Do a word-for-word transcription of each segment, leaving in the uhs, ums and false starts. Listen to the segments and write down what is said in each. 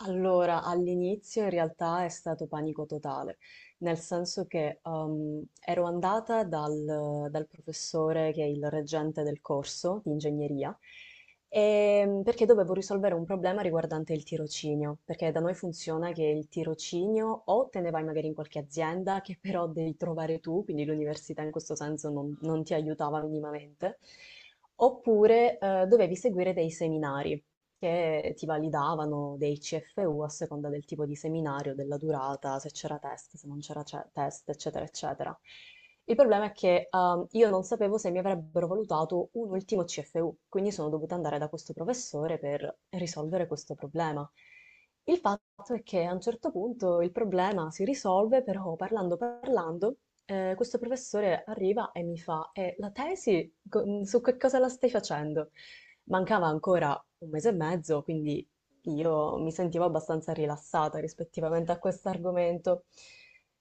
Allora, all'inizio in realtà è stato panico totale, nel senso che ehm, ero andata dal, dal professore che è il reggente del corso di ingegneria, ehm, perché dovevo risolvere un problema riguardante il tirocinio, perché da noi funziona che il tirocinio o te ne vai magari in qualche azienda che però devi trovare tu, quindi l'università in questo senso non, non ti aiutava minimamente, oppure eh, dovevi seguire dei seminari che ti validavano dei C F U a seconda del tipo di seminario, della durata, se c'era test, se non c'era ce- test, eccetera, eccetera. Il problema è che ehm, io non sapevo se mi avrebbero valutato un ultimo C F U, quindi sono dovuta andare da questo professore per risolvere questo problema. Il fatto è che a un certo punto il problema si risolve, però parlando parlando, eh, questo professore arriva e mi fa, "Eh, la tesi co- su che cosa la stai facendo? Mancava ancora un mese e mezzo, quindi io mi sentivo abbastanza rilassata rispettivamente a questo argomento.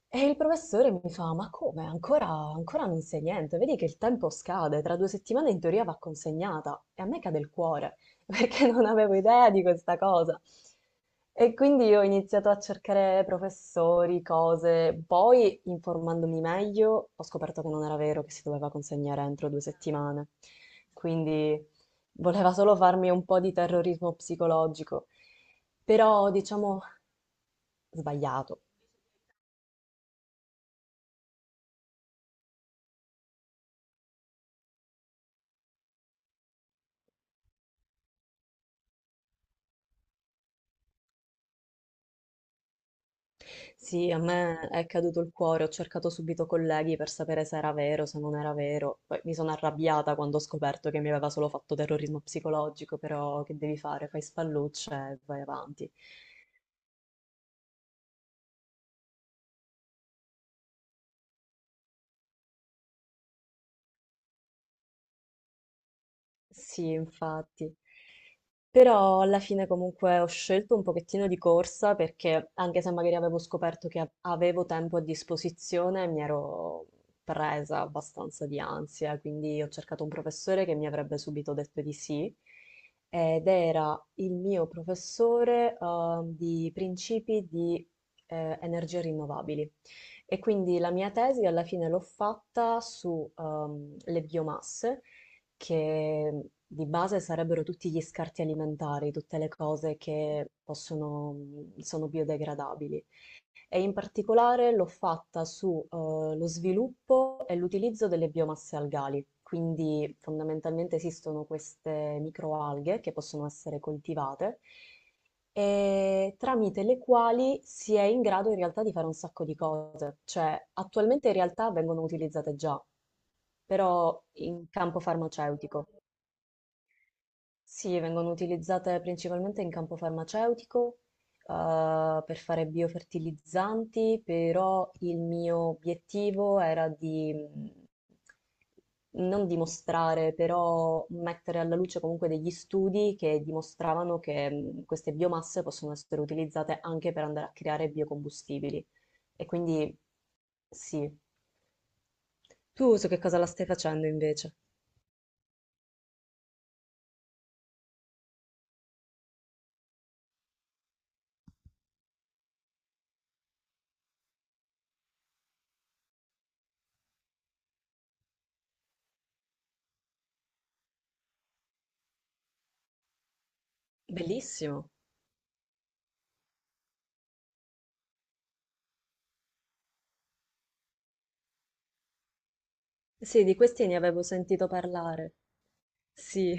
E il professore mi fa: Ma come? Ancora, ancora non sai niente? Vedi che il tempo scade, tra due settimane in teoria va consegnata. E a me cade il cuore, perché non avevo idea di questa cosa. E quindi ho iniziato a cercare professori, cose, poi informandomi meglio ho scoperto che non era vero che si doveva consegnare entro due settimane, quindi voleva solo farmi un po' di terrorismo psicologico, però diciamo sbagliato. Sì, a me è caduto il cuore, ho cercato subito colleghi per sapere se era vero, se non era vero. Poi mi sono arrabbiata quando ho scoperto che mi aveva solo fatto terrorismo psicologico, però che devi fare? Fai spallucce e vai avanti. Sì, infatti. Però alla fine comunque ho scelto un pochettino di corsa perché anche se magari avevo scoperto che avevo tempo a disposizione, mi ero presa abbastanza di ansia, quindi ho cercato un professore che mi avrebbe subito detto di sì ed era il mio professore eh, di principi di eh, energie rinnovabili. E quindi la mia tesi alla fine l'ho fatta sulle biomasse che mhmm, di base sarebbero tutti gli scarti alimentari, tutte le cose che possono, mhmm, sono biodegradabili e in particolare l'ho fatta su eh, lo sviluppo e l'utilizzo delle biomasse algali. Quindi fondamentalmente esistono queste microalghe che possono essere coltivate e tramite le quali si è in grado in realtà di fare un sacco di cose. Cioè, attualmente in realtà vengono utilizzate già, però in campo farmaceutico. Sì, vengono utilizzate principalmente in campo farmaceutico, eh, per fare biofertilizzanti, però il mio obiettivo era di mh, non dimostrare, però mettere alla luce comunque degli studi che dimostravano che mh, queste biomasse possono essere utilizzate anche per andare a creare biocombustibili. E quindi sì. Tu su che cosa la stai facendo invece? Bellissimo. Sì, di questi ne avevo sentito parlare. Sì,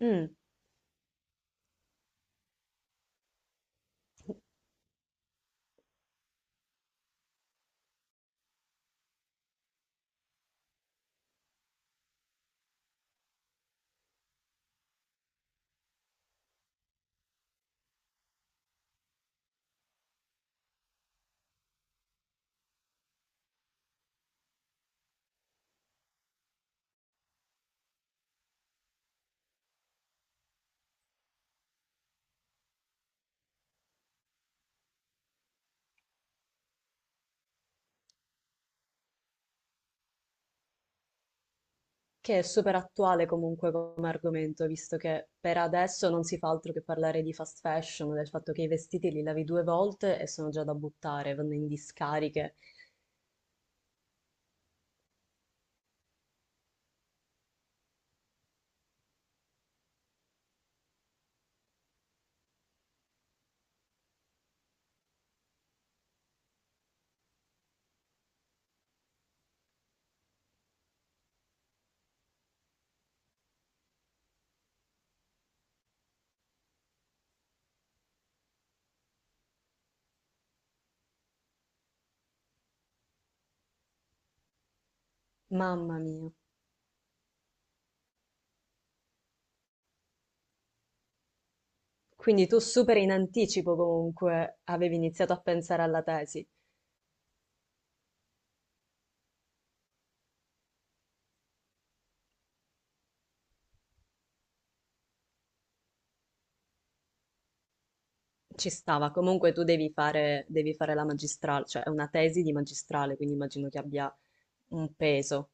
mm, che è super attuale comunque come argomento, visto che per adesso non si fa altro che parlare di fast fashion, del fatto che i vestiti li lavi due volte e sono già da buttare, vanno in discariche. Mamma mia. Quindi tu super in anticipo comunque avevi iniziato a pensare alla tesi. Ci stava, comunque tu devi fare, devi fare la magistrale, cioè è una tesi di magistrale, quindi immagino che abbia un peso.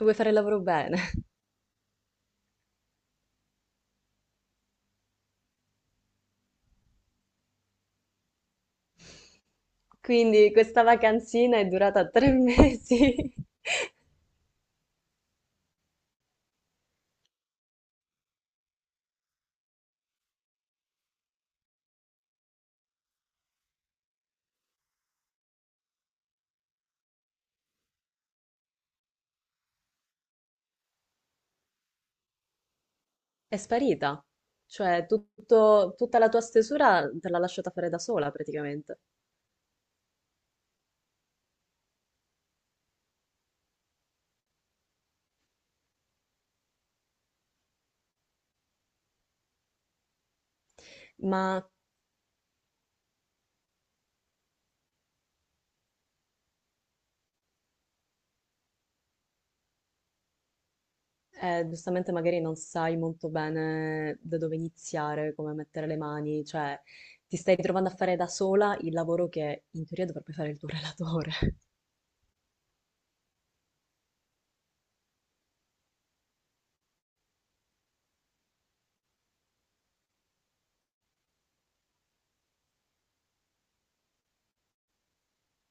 Vuoi fare il lavoro bene? Quindi questa vacanzina è durata tre mesi, è sparita. Cioè, tutto- tutta la tua stesura te l'ha lasciata fare da sola praticamente. Ma eh, giustamente magari non sai molto bene da dove iniziare, come mettere le mani, cioè ti stai ritrovando a fare da sola il lavoro che in teoria dovrebbe fare il tuo relatore.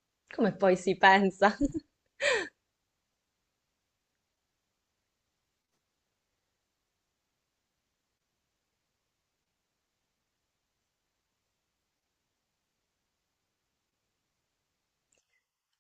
Come poi si pensa?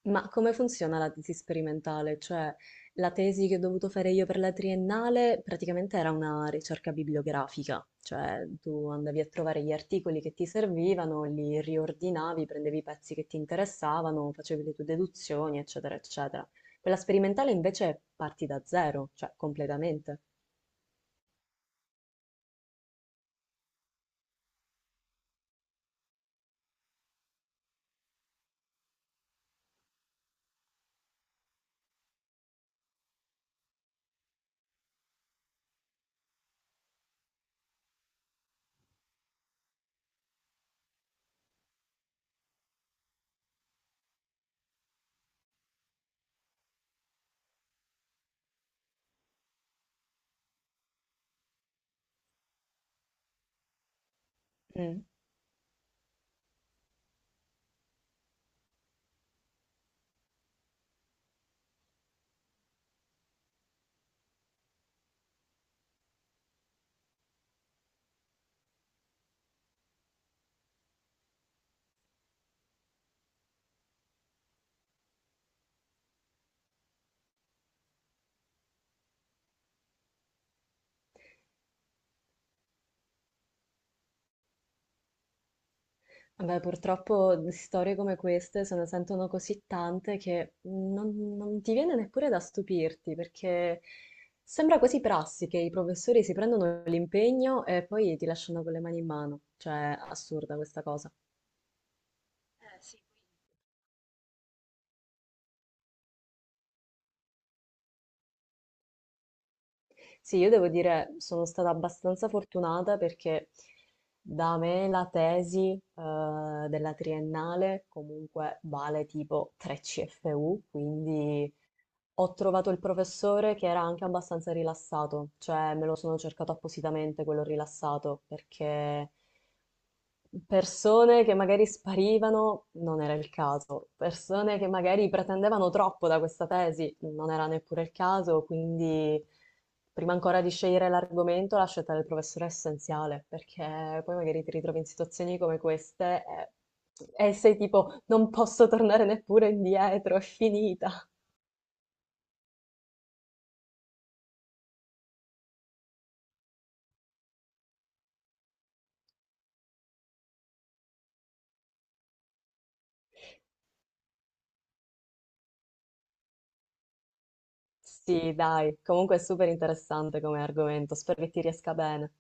Ma come funziona la tesi sperimentale? Cioè, la tesi che ho dovuto fare io per la triennale praticamente era una ricerca bibliografica, cioè tu andavi a trovare gli articoli che ti servivano, li riordinavi, prendevi i pezzi che ti interessavano, facevi le tue deduzioni, eccetera, eccetera. Quella sperimentale invece parti da zero, cioè completamente. Mm. Beh, purtroppo di storie come queste se ne sentono così tante che non, non ti viene neppure da stupirti, perché sembra quasi prassi che i professori si prendono l'impegno e poi ti lasciano con le mani in mano. Cioè, assurda questa cosa. Eh sì, sì, io devo dire, sono stata abbastanza fortunata perché da me la tesi, eh, della triennale comunque vale tipo tre C F U, quindi ho trovato il professore che era anche abbastanza rilassato, cioè me lo sono cercato appositamente quello rilassato, perché persone che magari sparivano non era il caso, persone che magari pretendevano troppo da questa tesi non era neppure il caso, quindi prima ancora di scegliere l'argomento la scelta del professore è essenziale, perché poi magari ti ritrovi in situazioni come queste e, e sei tipo non posso tornare neppure indietro, è finita. Sì, dai, comunque è super interessante come argomento, spero che ti riesca bene.